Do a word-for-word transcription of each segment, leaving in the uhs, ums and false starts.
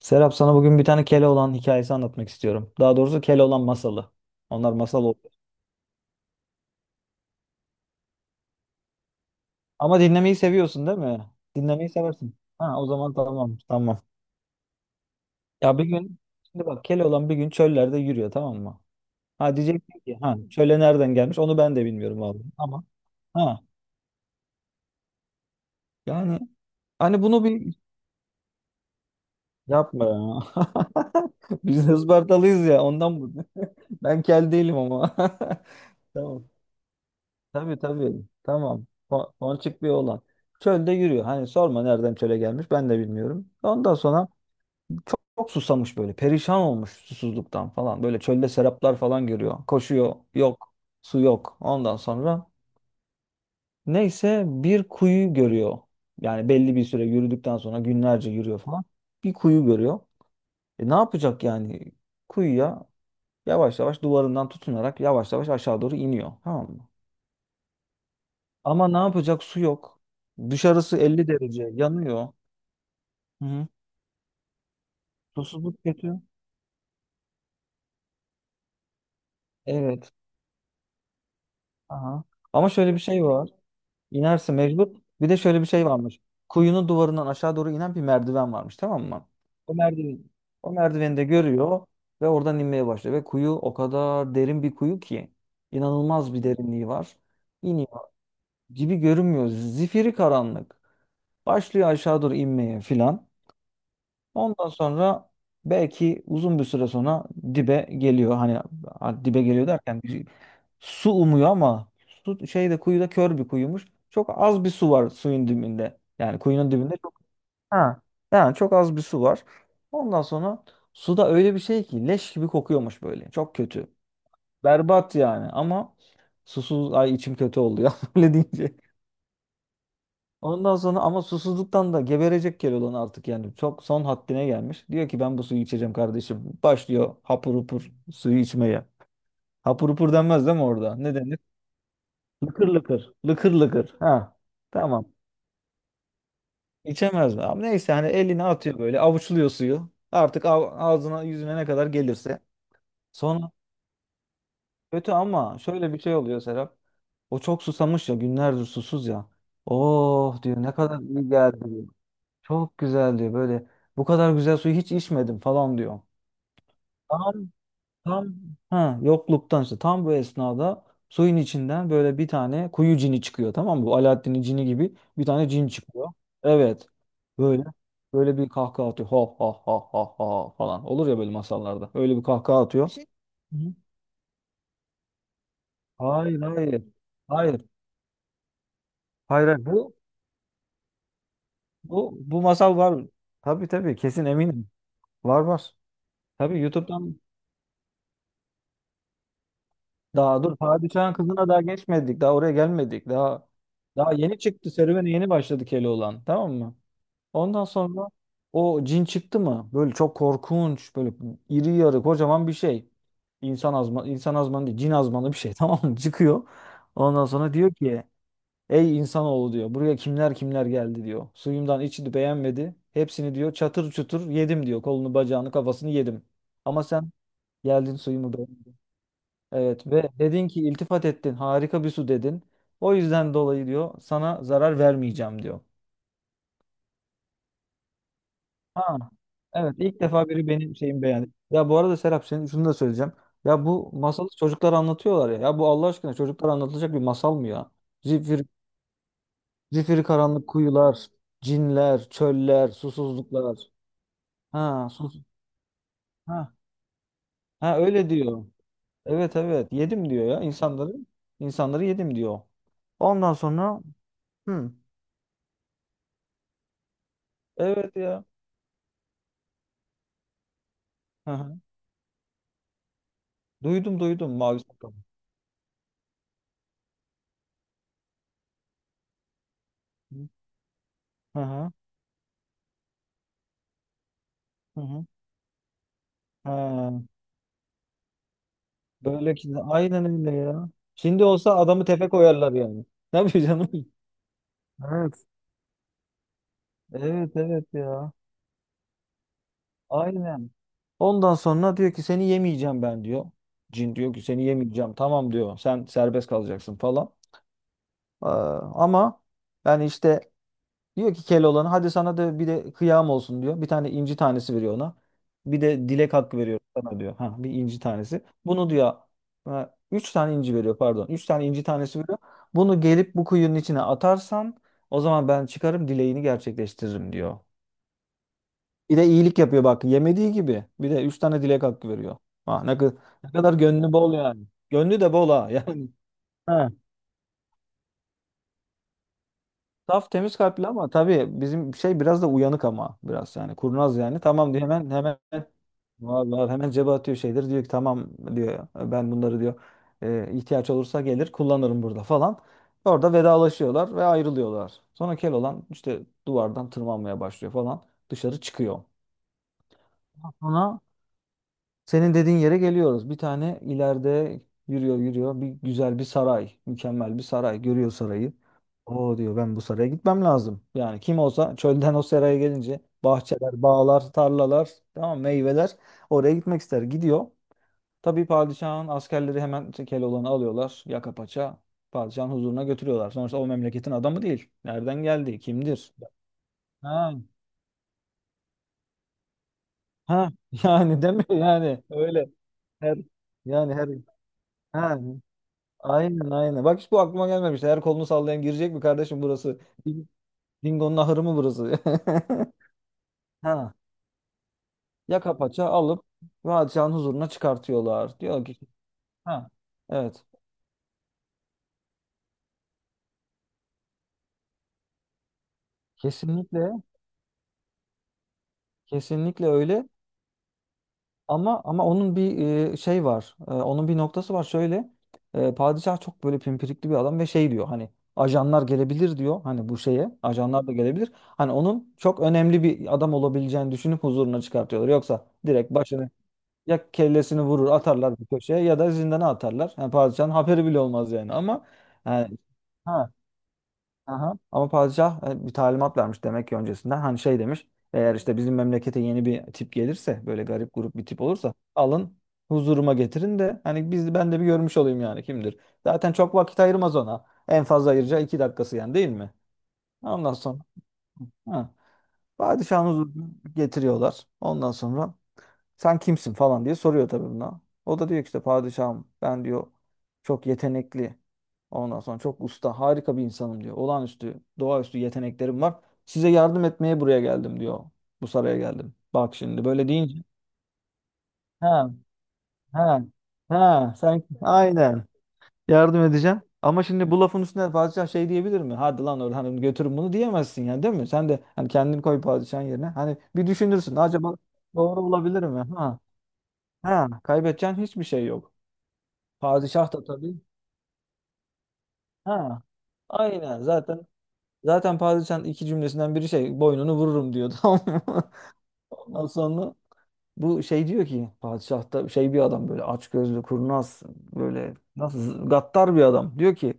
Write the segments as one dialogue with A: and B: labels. A: Serap sana bugün bir tane Keloğlan hikayesi anlatmak istiyorum. Daha doğrusu Keloğlan masalı. Onlar masal oluyor. Ama dinlemeyi seviyorsun değil mi? Dinlemeyi seversin. Ha, o zaman tamam tamam. Ya bir gün şimdi bak Keloğlan bir gün çöllerde yürüyor, tamam mı? Ha diyeceksin ki ha çöle nereden gelmiş onu ben de bilmiyorum vallahi, ama ha yani hani bunu bir yapma ya. Biz Ispartalıyız ya ondan bu. Ben kel değilim ama. Tamam. Tabii tabii. Tamam. Ko- Ponçik bir oğlan. Çölde yürüyor. Hani sorma nereden çöle gelmiş ben de bilmiyorum. Ondan sonra çok, çok susamış böyle. Perişan olmuş susuzluktan falan. Böyle çölde seraplar falan görüyor. Koşuyor. Yok. Su yok. Ondan sonra neyse bir kuyu görüyor. Yani belli bir süre yürüdükten sonra günlerce yürüyor falan. Bir kuyu görüyor. E ne yapacak yani? Kuyuya yavaş yavaş duvarından tutunarak yavaş yavaş aşağı doğru iniyor. Tamam mı? Ama ne yapacak? Su yok. Dışarısı elli derece. Yanıyor. Hı hı. Susuzluk kötü. Evet. Aha. Ama şöyle bir şey var. İnerse mecbur. Bir de şöyle bir şey varmış. Kuyunun duvarından aşağı doğru inen bir merdiven varmış, tamam mı? O merdiven, O merdiveni de görüyor ve oradan inmeye başlıyor. Ve kuyu o kadar derin bir kuyu ki inanılmaz bir derinliği var. İniyor. Gibi görünmüyor. Zifiri karanlık. Başlıyor aşağı doğru inmeye filan. Ondan sonra belki uzun bir süre sonra dibe geliyor. Hani a- dibe geliyor derken bir- su umuyor ama su şeyde kuyuda kör bir kuyumuş. Çok az bir su var suyun dibinde. Yani kuyunun dibinde çok ha yani çok az bir su var. Ondan sonra suda öyle bir şey ki leş gibi kokuyormuş böyle. Çok kötü. Berbat yani ama susuz ay içim kötü oluyor öyle deyince. Ondan sonra ama susuzluktan da geberecek Keloğlan artık yani çok son haddine gelmiş. Diyor ki ben bu suyu içeceğim kardeşim. Başlıyor hapur hupur suyu içmeye. Hapur hupur denmez değil mi orada? Ne denir? Lıkır lıkır. Lıkır lıkır. Ha. Tamam. İçemez mi? Ama neyse hani elini atıyor böyle avuçluyor suyu. Artık av- ağzına yüzüne ne kadar gelirse. Sonra kötü ama şöyle bir şey oluyor Serap. O çok susamış ya, günlerdir susuz ya. Oh diyor, ne kadar iyi geldi. Çok güzel diyor böyle. Bu kadar güzel suyu hiç içmedim falan diyor. Tam tam ha yokluktan işte tam bu esnada suyun içinden böyle bir tane kuyu cini çıkıyor, tamam mı? Bu Alaaddin'in cini gibi bir tane cin çıkıyor. Evet. Böyle böyle bir kahkaha atıyor. Ha ha ha ha ha falan. Olur ya böyle masallarda. Öyle bir kahkaha atıyor. Şey, Hı. Hayır hayır. Hayır. Hayır. hayır. Bu bu bu masal var. Tabii tabii kesin eminim. Var var. Tabii YouTube'dan Daha dur, padişahın kızına daha geçmedik. Daha oraya gelmedik. Daha daha yeni çıktı. Serüvene yeni başladı Keloğlan. Tamam mı? Ondan sonra o cin çıktı mı? Böyle çok korkunç. Böyle iri yarı kocaman bir şey. İnsan azman, insan azmanı değil. Cin azmanı bir şey. Tamam mı? Çıkıyor. Ondan sonra diyor ki, Ey insanoğlu diyor. Buraya kimler kimler geldi diyor. Suyumdan içti, beğenmedi. Hepsini diyor çatır çutur yedim diyor. Kolunu bacağını kafasını yedim. Ama sen geldin, suyumu beğenmedin. Evet ve dedin ki iltifat ettin. Harika bir su dedin. O yüzden dolayı diyor sana zarar vermeyeceğim diyor. Ha. Evet ilk defa biri benim şeyimi beğendi. Ya bu arada Serap senin şunu da söyleyeceğim. Ya bu masalı çocuklar anlatıyorlar ya. Ya bu Allah aşkına çocuklar anlatılacak bir masal mı ya? Zifiri, Zifiri karanlık kuyular, cinler, çöller, susuzluklar. Ha, sus. Ha. Ha öyle diyor. Evet evet yedim diyor ya insanları. İnsanları yedim diyor. Ondan sonra hı, evet ya. Hı hı. Duydum duydum mavi sakal. Hı hı. Hı hı. Ha, böyle ki aynen öyle ya. Şimdi olsa adamı tepe koyarlar yani. Ne yapıyor canım? Evet. Evet evet ya. Aynen. Ondan sonra diyor ki seni yemeyeceğim ben diyor. Cin diyor ki seni yemeyeceğim. Tamam diyor. Sen serbest kalacaksın falan. Ee, ama yani işte diyor ki Keloğlan'a hadi sana da bir de kıyam olsun diyor. Bir tane inci tanesi veriyor ona. Bir de dilek hakkı veriyor sana diyor. Ha, bir inci tanesi. Bunu diyor, ha, üç tane inci veriyor pardon. Üç tane inci tanesi veriyor. Bunu gelip bu kuyunun içine atarsan o zaman ben çıkarım, dileğini gerçekleştiririm diyor. Bir de iyilik yapıyor bak, yemediği gibi. Bir de üç tane dilek hakkı veriyor. Ha, ne, kadar, ne kadar gönlü bol yani. Gönlü de bol ha yani. Saf temiz kalpli ama tabii bizim şey biraz da uyanık ama biraz yani kurnaz yani. Tamam diyor, hemen hemen vallahi hemen cebe atıyor şeydir. Diyor ki tamam diyor ben bunları diyor "e, ihtiyaç olursa gelir kullanırım burada falan. Orada vedalaşıyorlar ve ayrılıyorlar. Sonra Keloğlan işte duvardan tırmanmaya başlıyor falan. Dışarı çıkıyor. Sonra senin dediğin yere geliyoruz. Bir tane ileride yürüyor yürüyor. Bir güzel bir saray. Mükemmel bir saray. Görüyor sarayı. O diyor ben bu saraya gitmem lazım. Yani kim olsa çölden o saraya gelince bahçeler, bağlar, tarlalar, tamam meyveler, oraya gitmek ister. Gidiyor. Tabii padişahın askerleri hemen Keloğlan'ı alıyorlar. Yaka paça padişahın huzuruna götürüyorlar. Sonuçta o memleketin adamı değil. Nereden geldi? Kimdir? Ha, ha yani değil mi? Yani öyle. Her, yani her ha, Aynen aynen. Bak hiç bu aklıma gelmemişti. Her kolunu sallayan girecek mi kardeşim burası? Ding- Dingo'nun ahırı mı burası? Ha. Yaka paça alıp padişahın huzuruna çıkartıyorlar. Diyor ki ha. Evet. Kesinlikle kesinlikle öyle. Ama ama onun bir e, şey var. E, onun bir noktası var. Şöyle e, padişah çok böyle pimpirikli bir adam ve şey diyor hani ajanlar gelebilir diyor. Hani bu şeye ajanlar da gelebilir. Hani onun çok önemli bir adam olabileceğini düşünüp huzuruna çıkartıyorlar. Yoksa direkt başını, ya kellesini vurur atarlar bir köşeye ya da zindana atarlar. Yani padişahın haberi bile olmaz yani ama yani, ha, aha. Ama padişah e, bir talimat vermiş demek ki öncesinden. Hani şey demiş eğer işte bizim memlekete yeni bir tip gelirse böyle garip grup bir tip olursa alın huzuruma getirin de hani biz ben de bir görmüş olayım yani kimdir. Zaten çok vakit ayırmaz ona. En fazla ayıracağı iki dakikası, yani değil mi? Ondan sonra ha. Padişahın huzuruna getiriyorlar. Ondan sonra sen kimsin falan diye soruyor tabii buna. O da diyor ki işte padişahım ben diyor çok yetenekli. Ondan sonra çok usta, harika bir insanım diyor. Olağanüstü, doğaüstü yeteneklerim var. Size yardım etmeye buraya geldim diyor. Bu saraya geldim. Bak şimdi böyle deyince. Ha, ha, ha, sen aynen yardım edeceğim. Ama şimdi bu lafın üstüne padişah şey diyebilir mi? Hadi lan Orhan'ım götürün bunu diyemezsin yani değil mi? Sen de hani kendini koy padişahın yerine. Hani bir düşünürsün. Acaba doğru olabilir mi? Ha. Ha, kaybedeceğin hiçbir şey yok. Padişah da tabii. Ha, aynen zaten zaten padişahın iki cümlesinden biri şey boynunu vururum diyor tamam mı? Ondan sonra bu şey diyor ki padişah da şey bir adam böyle açgözlü kurnaz böyle nasıl gaddar bir adam. Diyor ki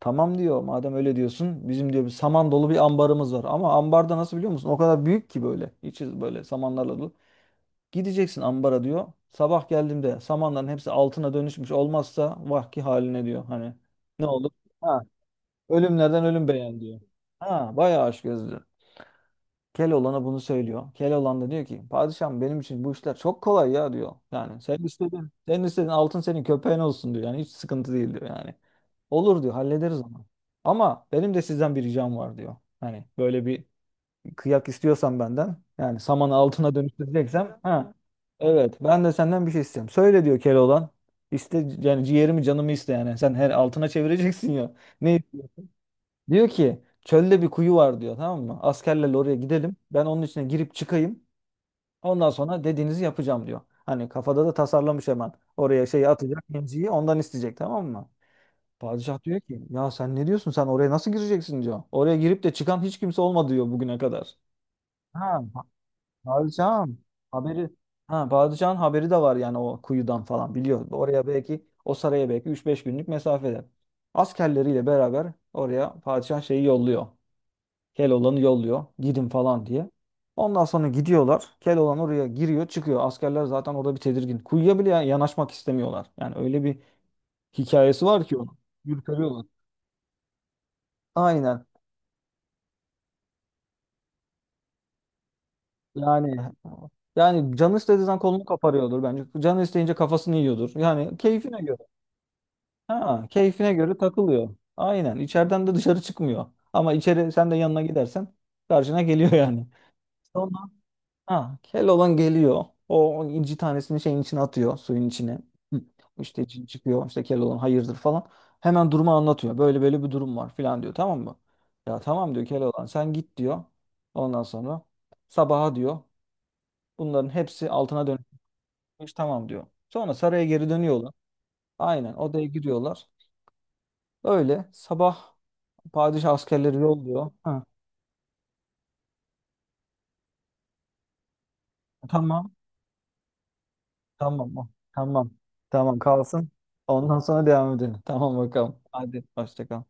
A: tamam diyor madem öyle diyorsun bizim diyor bir saman dolu bir ambarımız var ama ambarda nasıl biliyor musun? O kadar büyük ki böyle içi böyle samanlarla dolu. Gideceksin ambara diyor. Sabah geldiğimde samanların hepsi altına dönüşmüş olmazsa vahki haline diyor. Hani ne olur? Ha, ölümlerden ölüm beğen diyor. Ha, bayağı aşk gözlü. Keloğlan'a bunu söylüyor. Keloğlan da diyor ki padişahım benim için bu işler çok kolay ya diyor. Yani sen istedin, sen istedin altın senin köpeğin olsun diyor. Yani hiç sıkıntı değil diyor yani. Olur diyor hallederiz ama. Ama benim de sizden bir ricam var diyor. Hani böyle bir kıyak istiyorsan benden yani samanı altına dönüştüreceksem ha evet ben de senden bir şey istiyorum. Söyle diyor Keloğlan. İste yani ciğerimi canımı iste yani. Sen her altına çevireceksin ya. Ne istiyor? Diyor ki çölde bir kuyu var diyor tamam mı? Askerlerle oraya gidelim. Ben onun içine girip çıkayım. Ondan sonra dediğinizi yapacağım diyor. Hani kafada da tasarlamış hemen. Oraya şeyi atacak, inciyi ondan isteyecek, tamam mı? Padişah diyor ki ya sen ne diyorsun, sen oraya nasıl gireceksin diyor. Oraya girip de çıkan hiç kimse olmadı diyor bugüne kadar. Ha. Bağıracağım haberi ha Bağıracağın haberi de var yani o kuyudan falan biliyor. Oraya belki o saraya belki üç beş günlük mesafede. Askerleriyle beraber oraya padişah şeyi yolluyor. Keloğlan'ı yolluyor. Gidin falan diye. Ondan sonra gidiyorlar. Keloğlan oraya giriyor, çıkıyor. Askerler zaten orada bir tedirgin. Kuyuya bile yanaşmak istemiyorlar. Yani öyle bir hikayesi var ki onun. Yürütüyorlar. Aynen. Yani yani canı istediğinden kolunu kaparıyordur bence. Canı isteyince kafasını yiyordur. Yani keyfine göre. Ha, keyfine göre takılıyor. Aynen. İçeriden de dışarı çıkmıyor. Ama içeri sen de yanına gidersen karşına geliyor yani. Sonra ha, kel olan geliyor. O inci tanesini şeyin içine atıyor. Suyun içine. Hı. İşte cin çıkıyor. İşte kel olan hayırdır falan. Hemen durumu anlatıyor. Böyle böyle bir durum var falan diyor. Tamam mı? Ya tamam diyor kel olan. Sen git diyor. Ondan sonra sabaha diyor. Bunların hepsi altına dönmüş. Tamam diyor. Sonra saraya geri dönüyorlar. Aynen odaya giriyorlar. Öyle sabah padişah askerleri yolluyor. Ha, tamam. Tamam. Tamam. Tamam kalsın. Ondan sonra devam edelim. Tamam bakalım. Hadi hoşça kal.